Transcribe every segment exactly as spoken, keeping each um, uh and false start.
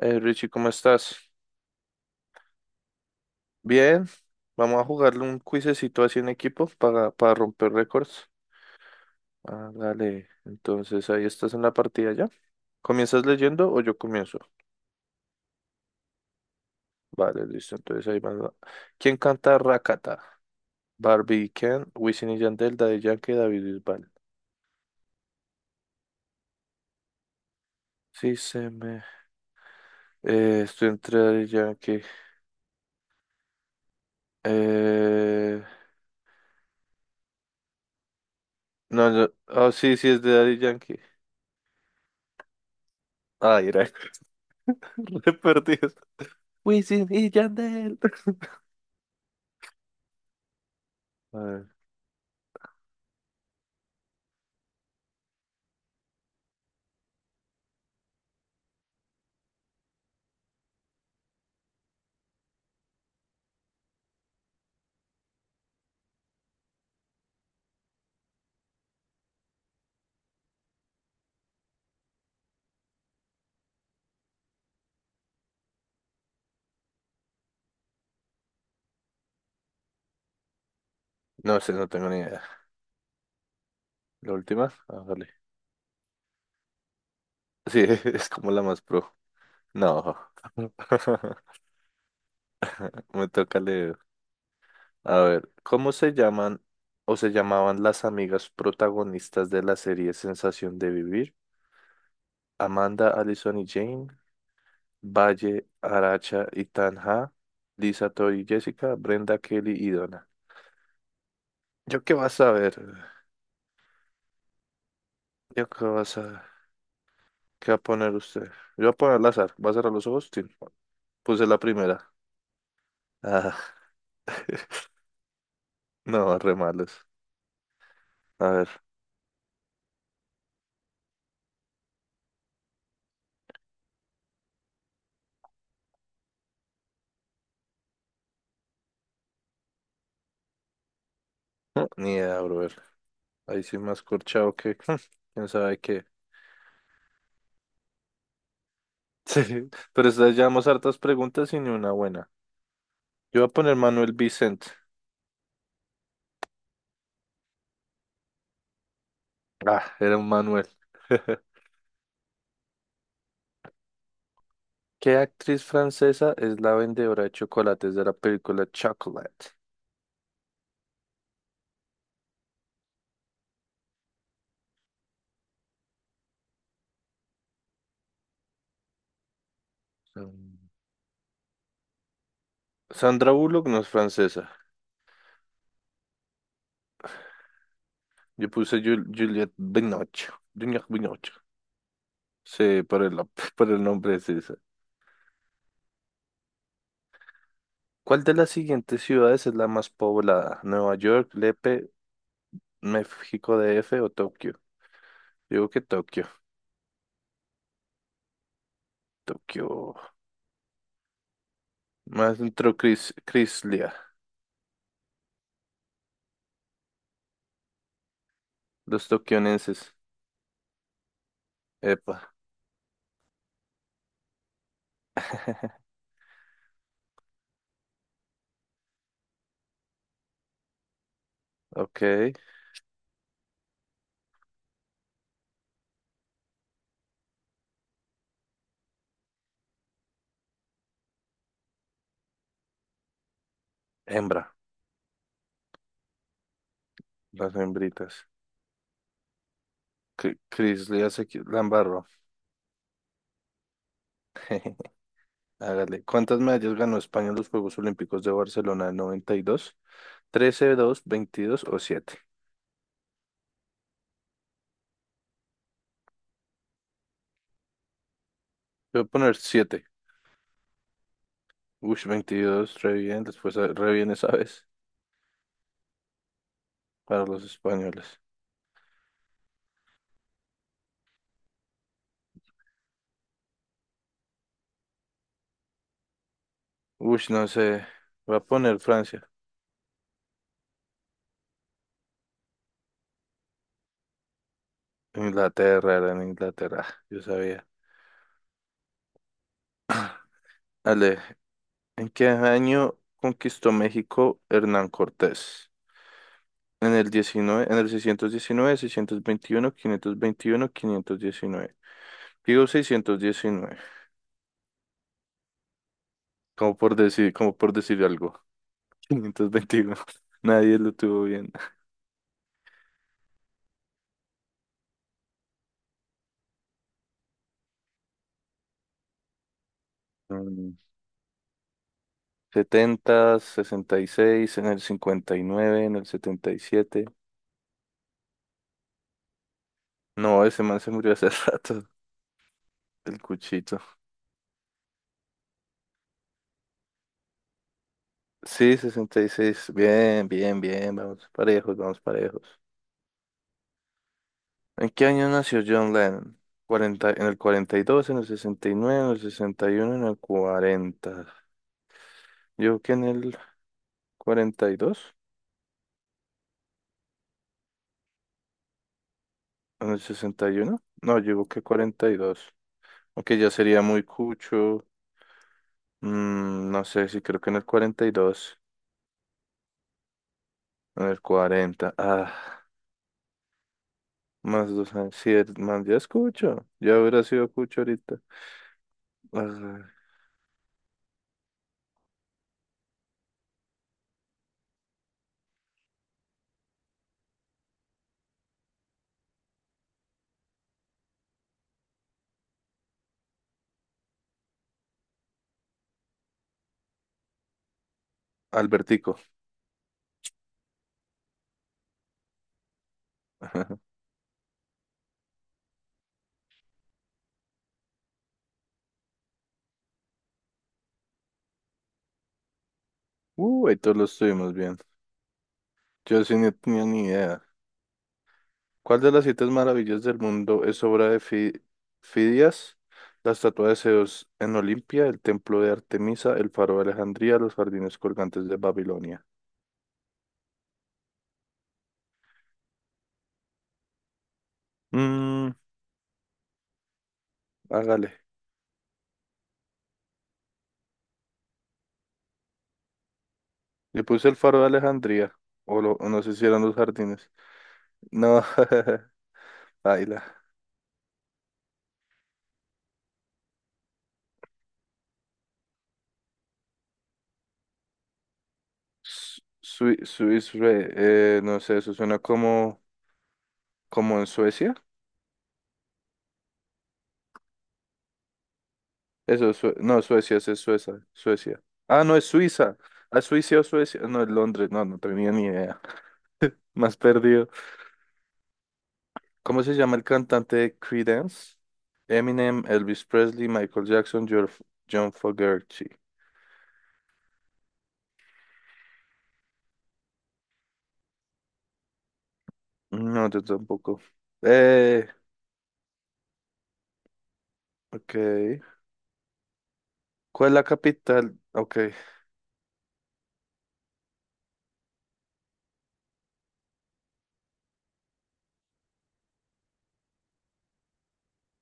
Eh, Richie, ¿cómo estás? Bien, vamos a jugarle un cuisecito así en equipo para, para romper récords. Ah, dale, entonces ahí estás en la partida ya. ¿Comienzas leyendo o yo comienzo? Vale, listo, entonces ahí va. ¿Quién canta Rakata? Barbie, Ken, Wisin y Yandel, Daddy Yankee, David Bisbal. Sí, se me... eh, estoy entre Daddy Yankee. Eh... No, no, oh, sí, sí, es de Daddy Yankee. Ay, era re perdido. Wisin y Yandel. A ver. No sé, no tengo ni idea. ¿La última? Ah, vale. Sí, es como la más pro. No. Me toca leer. A ver, ¿cómo se llaman o se llamaban las amigas protagonistas de la serie Sensación de Vivir? Amanda, Allison y Jane, Valle, Aracha y Tanja, Lisa, Tori y Jessica, Brenda, Kelly y Donna. ¿Yo qué vas a ver? ¿Yo qué vas a... ¿Qué va a poner usted? Yo voy a poner al azar. ¿Va a cerrar los ojos? Sí. Puse la primera. Ah. No, re malos. A ver, no, ni idea, brother. Ahí sí más corchado que quién sabe qué. Sí, pero estas llevamos hartas preguntas y ni una buena. Yo voy a poner Manuel Vicente. Ah, era un Manuel. ¿Qué actriz francesa es la vendedora de chocolates de la película Chocolate? Mm. Sandra Bullock no es francesa. Yo puse Jul- Juliette Binoche. Juliette Binoche. Sí, por el, por el nombre es esa. ¿Cuál de las siguientes ciudades es la más poblada? Nueva York, Lepe, México D F o Tokio. Digo que Tokio. Tokio. Más dentro Cris, Crislia. Los tokionenses. Epa. Ok. Hembra. Las hembritas. Cri- Crislia se qui- la embarró. Hágale. ¿Cuántas medallas ganó España en los Juegos Olímpicos de Barcelona en noventa y dos? ¿trece, dos, veintidós o siete? Voy a poner siete. Uy, veintidós, re bien. Después eh, re bien esa vez para los españoles. Uy, no sé. Voy a poner Francia. Inglaterra, era en Inglaterra, yo sabía. Ale, ¿en qué año conquistó México Hernán Cortés? En el diecinueve, en el seiscientos seiscientos diecinueve, seiscientos veintiuno, quinientos veintiuno, quinientos diecinueve. Digo seiscientos diecinueve, como por decir, como por decir algo. Quinientos veintiuno. Nadie lo tuvo bien. Mm, setenta, sesenta y seis, en el cincuenta y nueve, en el setenta y siete. No, ese man se murió hace rato, el cuchito. Sí, sesenta y seis, bien, bien, bien. Vamos parejos, vamos parejos. ¿En qué año nació John Lennon? Cuarenta, en el cuarenta y dos, en el sesenta y nueve, en el sesenta y uno, en el cuarenta. Yo digo que en el cuarenta y dos, en el sesenta y uno, no, yo digo que cuarenta y dos. Aunque ya sería muy cucho. Mm, no sé si creo que en el cuarenta y dos, en el cuarenta. Ah, más dos años. Sí, el- más ya es cucho. Ya hubiera sido cucho ahorita. Ah, Albertico. Uh, ahí todos lo estuvimos bien. Yo sí no tenía ni idea. ¿Cuál de las siete maravillas del mundo es obra de Fi- Fidias? La estatua de Zeus en Olimpia, el templo de Artemisa, el faro de Alejandría, los jardines colgantes de Babilonia. Mmm, hágale. Le puse el faro de Alejandría. O, lo- o no sé si eran los jardines. No, baila. Su- Sui- Suiza, eh, no sé, eso suena como, como en Suecia. Eso es, Sue- no, Suecia, ese es Suecia, Suecia. Ah, no, es Suiza. ¿A Suiza o Suecia? No, es Londres, no, no tenía ni idea. Más perdido. ¿Cómo se llama el cantante de Creedence? Eminem, Elvis Presley, Michael Jackson, Jor- John Fogerty. No, yo tampoco. Eh, ok. ¿Cuál es la capital? Ok,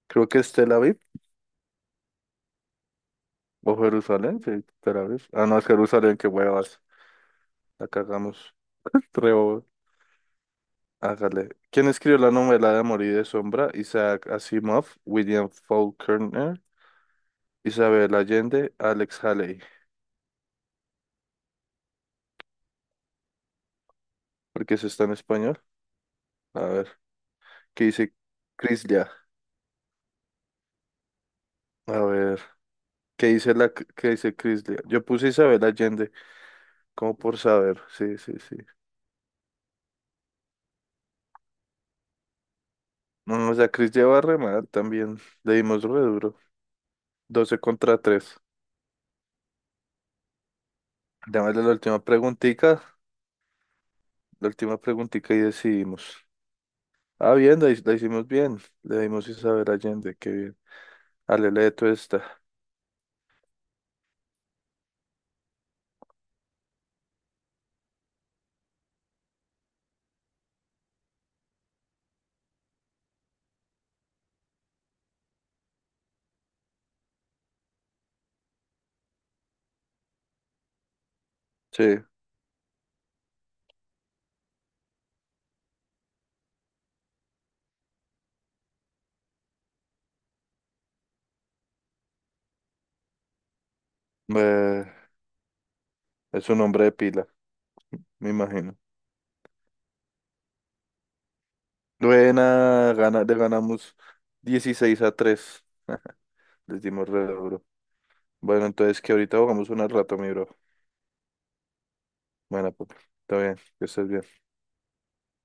creo que es Tel Aviv o Jerusalén. Sí, Tel Aviv. Ah, no, es Jerusalén, qué huevas. La cagamos. Re hágale. ¿Quién escribió la novela de Amor y de Sombra? Isaac Asimov, William Faulkner, Isabel Allende, Alex Haley. ¿Por qué eso está en español? A ver, ¿qué dice Crislia? A ver, ¿qué dice la qué dice Crislia? Yo puse Isabel Allende, como por saber. Sí, sí, sí. No, o sea, Crislia va re mal también. Le dimos re duro. doce contra tres. Démosle la última preguntica. La última preguntica y decidimos. Ah, bien, la, hi- la hicimos bien. Le dimos Isabel Allende, qué bien. Alele Tuesta. Sí, eh, es un hombre de pila, me imagino. Buena, gana, le ganamos dieciséis a tres. Les dimos re duro. Bueno, entonces que ahorita jugamos una rato, mi bro. Bueno, papi, está bien, que estés bien.